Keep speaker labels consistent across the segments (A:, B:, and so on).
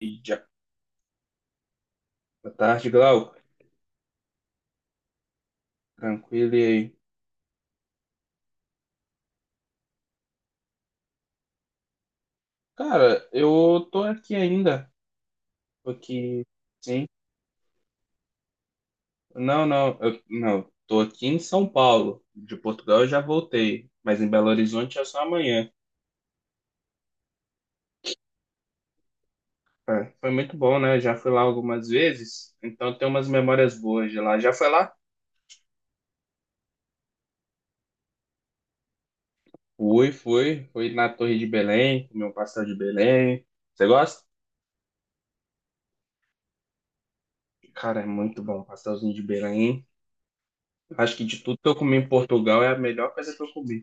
A: E já. Boa tarde, Glauco. Tranquilo e aí? Cara, eu tô aqui ainda. Tô aqui, sim. Não, não, não. Tô aqui em São Paulo. De Portugal eu já voltei, mas em Belo Horizonte é só amanhã. É, foi muito bom, né? Já fui lá algumas vezes, então tem umas memórias boas de lá. Já foi lá? Fui, fui. Fui na Torre de Belém, comi um pastel de Belém. Você gosta? Cara, é muito bom, pastelzinho de Belém. Acho que de tudo que eu comi em Portugal é a melhor coisa que eu comi.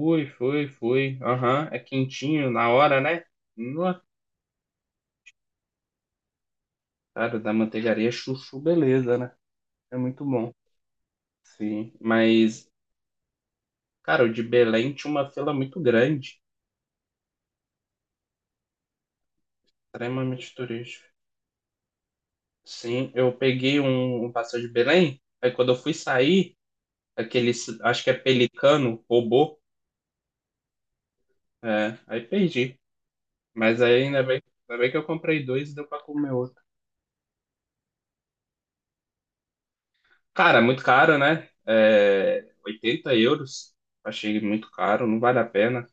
A: Ui, foi, foi. Aham, é quentinho na hora, né? No cara, da manteigaria chuchu, beleza, né? É muito bom. Sim, mas, cara, o de Belém tinha uma fila muito grande, extremamente turístico. Sim, eu peguei um passeio de Belém, aí quando eu fui sair, aquele, acho que é pelicano, roubou, é, aí perdi. Mas aí ainda bem que eu comprei dois e deu pra comer outro. Cara, é muito caro, né? É, 80 euros. Achei muito caro, não vale a pena.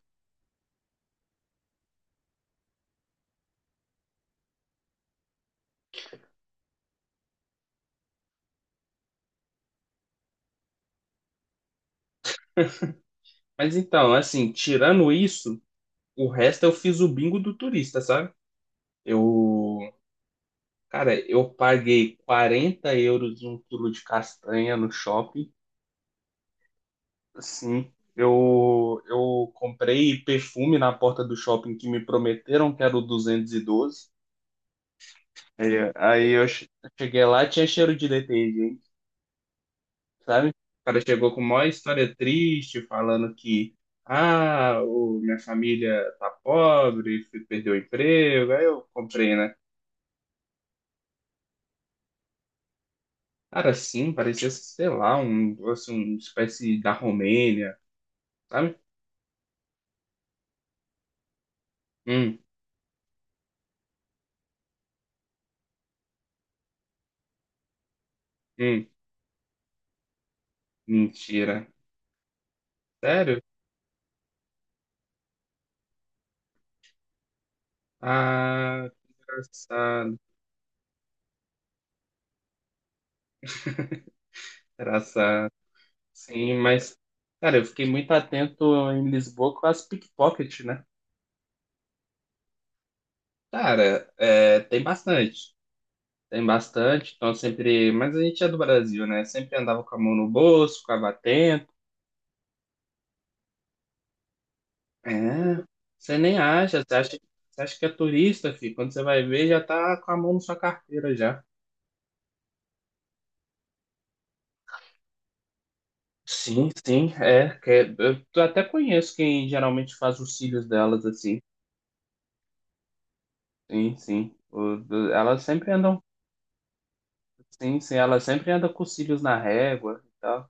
A: Mas então, assim, tirando isso, o resto eu fiz o bingo do turista, sabe? Eu, cara, eu paguei 40 euros um quilo de castanha no shopping. Assim, eu comprei perfume na porta do shopping que me prometeram que era o 212. É, aí eu cheguei lá, tinha cheiro de detergente, sabe? O cara chegou com uma história triste, falando que, ah, minha família tá pobre, perdeu o emprego, aí eu comprei, né? Cara, sim, parecia, sei lá, um, assim, uma espécie da Romênia, sabe? Hum, hum, mentira. Sério? Ah, engraçado, engraçado. Sim, mas, cara, eu fiquei muito atento em Lisboa com as pickpockets, né? Cara, é, tem bastante. Tem bastante, então sempre. Mas a gente é do Brasil, né? Sempre andava com a mão no bolso, ficava atento. É, você nem acha, você acha que é turista, filho. Quando você vai ver, já tá com a mão na sua carteira já. Sim, sim, é. Eu até conheço quem geralmente faz os cílios delas assim. Sim, sim. Elas sempre andam. Sim, sim, elas sempre andam com os cílios na régua e tal.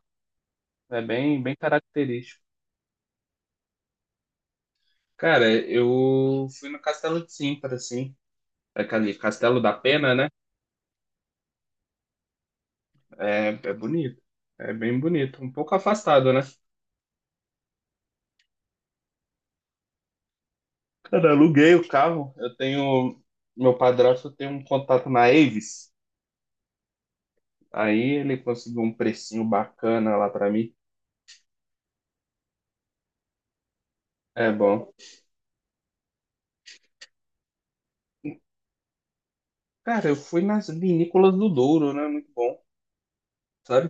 A: É bem, bem característico. Cara, eu fui no Castelo de Sintra, assim. Aquele Castelo da Pena, né? É bonito. É bem bonito. Um pouco afastado, né? Cara, eu aluguei o carro. Eu tenho. Meu padrasto tem um contato na Avis. Aí ele conseguiu um precinho bacana lá pra mim. É bom. Cara, eu fui nas vinícolas do Douro, né? Muito bom, sabe?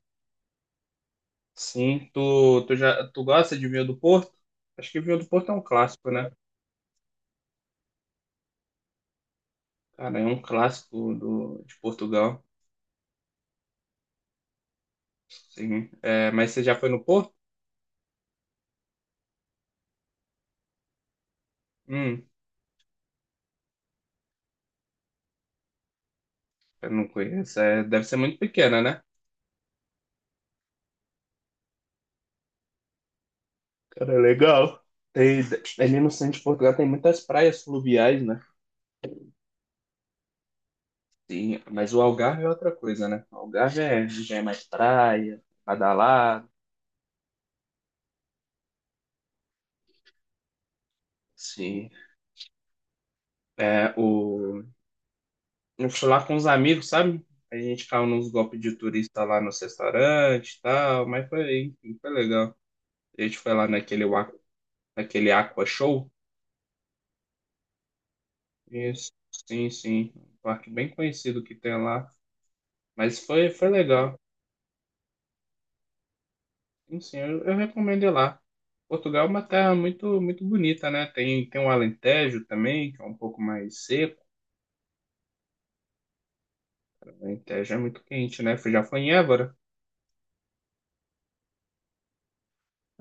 A: Sim, tu gosta de vinho do Porto? Acho que vinho do Porto é um clássico, né? Cara, é um clássico de Portugal. Sim. É, mas você já foi no Porto? Hum. Eu não conheço. É, deve ser muito pequena, né? Cara, é legal. Tem, ali no centro de Portugal tem muitas praias fluviais, né? Sim, mas o Algarve é outra coisa, né? O Algarve é, já é mais praia, badalado, sim. É, Eu fui lá com os amigos, sabe? A gente caiu nos golpes de turista lá nos restaurantes e tal, mas foi, enfim, foi legal. A gente foi lá naquele Aqua Show. Isso, sim, sim. Um parque bem conhecido que tem lá. Mas foi, foi legal. Sim, sim, eu recomendo ir lá. Portugal é uma terra muito, muito bonita, né? Tem o Alentejo também, que é um pouco mais seco. O Alentejo é muito quente, né? Já foi em Évora.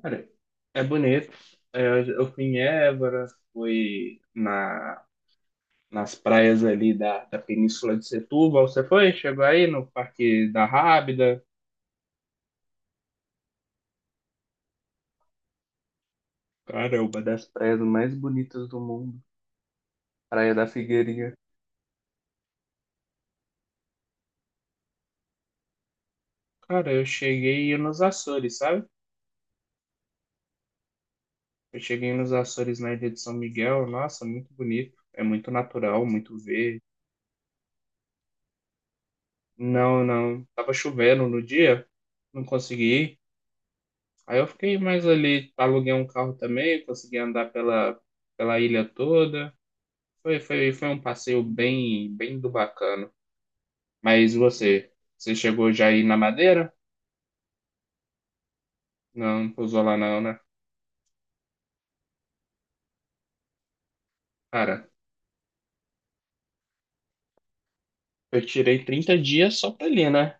A: Cara, é bonito. É, eu fui em Évora, fui nas praias ali da Península de Setúbal. Você foi? Chegou aí no Parque da Rábida. Cara, é uma das praias mais bonitas do mundo. Praia da Figueirinha. Cara, eu cheguei nos Açores, sabe? Eu cheguei nos Açores na Ilha de São Miguel, nossa, muito bonito. É muito natural, muito verde. Não, não. Tava chovendo no dia, não consegui ir. Aí eu fiquei mais ali, aluguei um carro também, consegui andar pela ilha toda. Foi um passeio bem, bem do bacana. Mas você chegou já aí na Madeira? Não, não pousou lá não, né? Cara, eu tirei 30 dias só pra ali, né?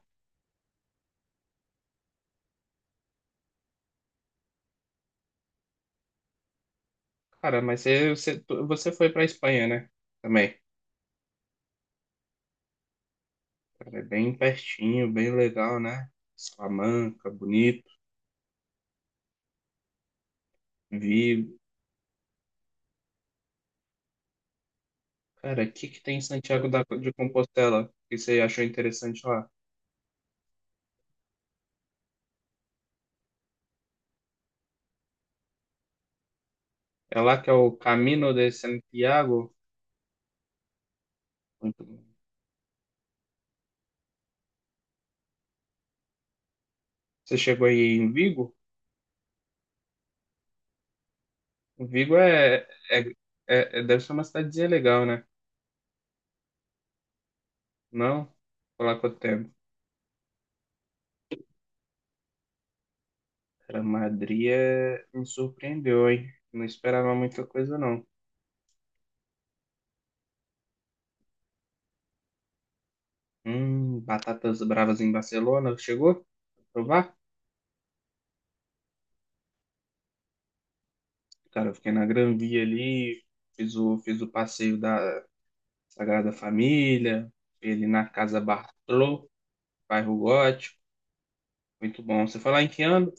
A: Cara, mas você foi pra Espanha, né? Também. Cara, é bem pertinho, bem legal, né? Salamanca, bonito, Vigo. Cara, o que que tem em Santiago de Compostela que você achou interessante lá? É lá que é o Camino de Santiago? Muito bom. Você chegou aí em Vigo? Vigo deve ser uma cidadezinha legal, né? Não? Por lá quanto tempo? Cara, Madrid me surpreendeu, hein? Não esperava muita coisa, não. Batatas bravas em Barcelona, chegou? Provar? Cara, eu fiquei na Gran Via ali, fiz o passeio da Sagrada Família, fiquei ali na Casa Bartolô, bairro Gótico, muito bom. Você falar em que ano?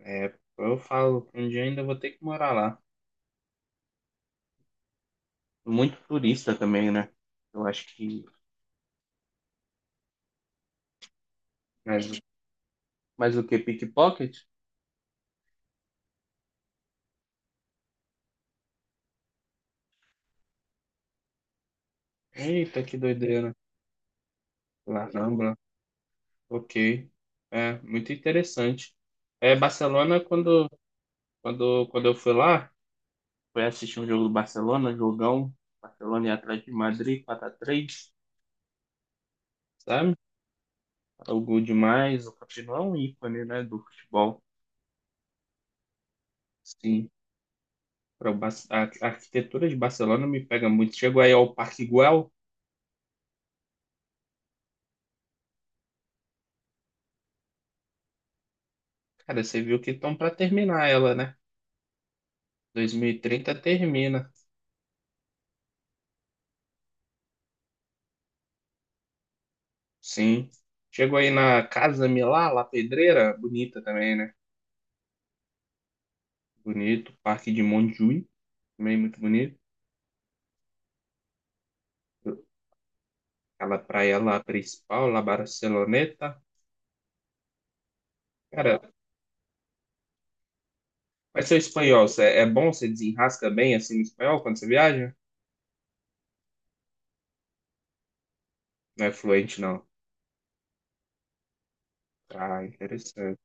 A: É, eu falo, um dia ainda vou ter que morar lá. Muito turista também, né? Eu acho que. Mas, mas o que? Pickpocket? Eita, que doideira. Caramba, ok. É, muito interessante. É, Barcelona, quando eu fui lá, foi assistir um jogo do Barcelona, jogão. Barcelona e Atlético de Madrid, 4-3, sabe? Algo demais. O Coutinho é um ícone, né, do futebol. Sim. A arquitetura de Barcelona me pega muito. Chegou aí ao Parque Güell. Cara, você viu que estão para terminar ela, né? 2030 termina. Sim. Chegou aí na Casa Milá, La Pedreira. Bonita também, né? Bonito. Parque de Montjuïc, também muito bonito. Aquela praia lá principal, La Barceloneta. Cara, mas seu espanhol, é bom? Você desenrasca bem assim no espanhol quando você viaja? Não é fluente, não. Ah, interessante.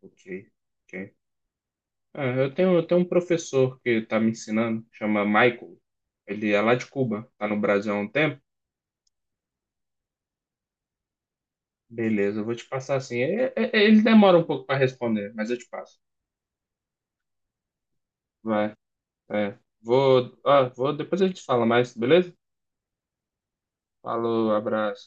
A: Ok, ok. Ah, eu tenho um professor que tá me ensinando, chama Michael. Ele é lá de Cuba, tá no Brasil há um tempo. Beleza, eu vou te passar assim. Ele demora um pouco para responder, mas eu te passo. Vai, é. Vou, depois a gente fala mais, beleza? Falou, abraço.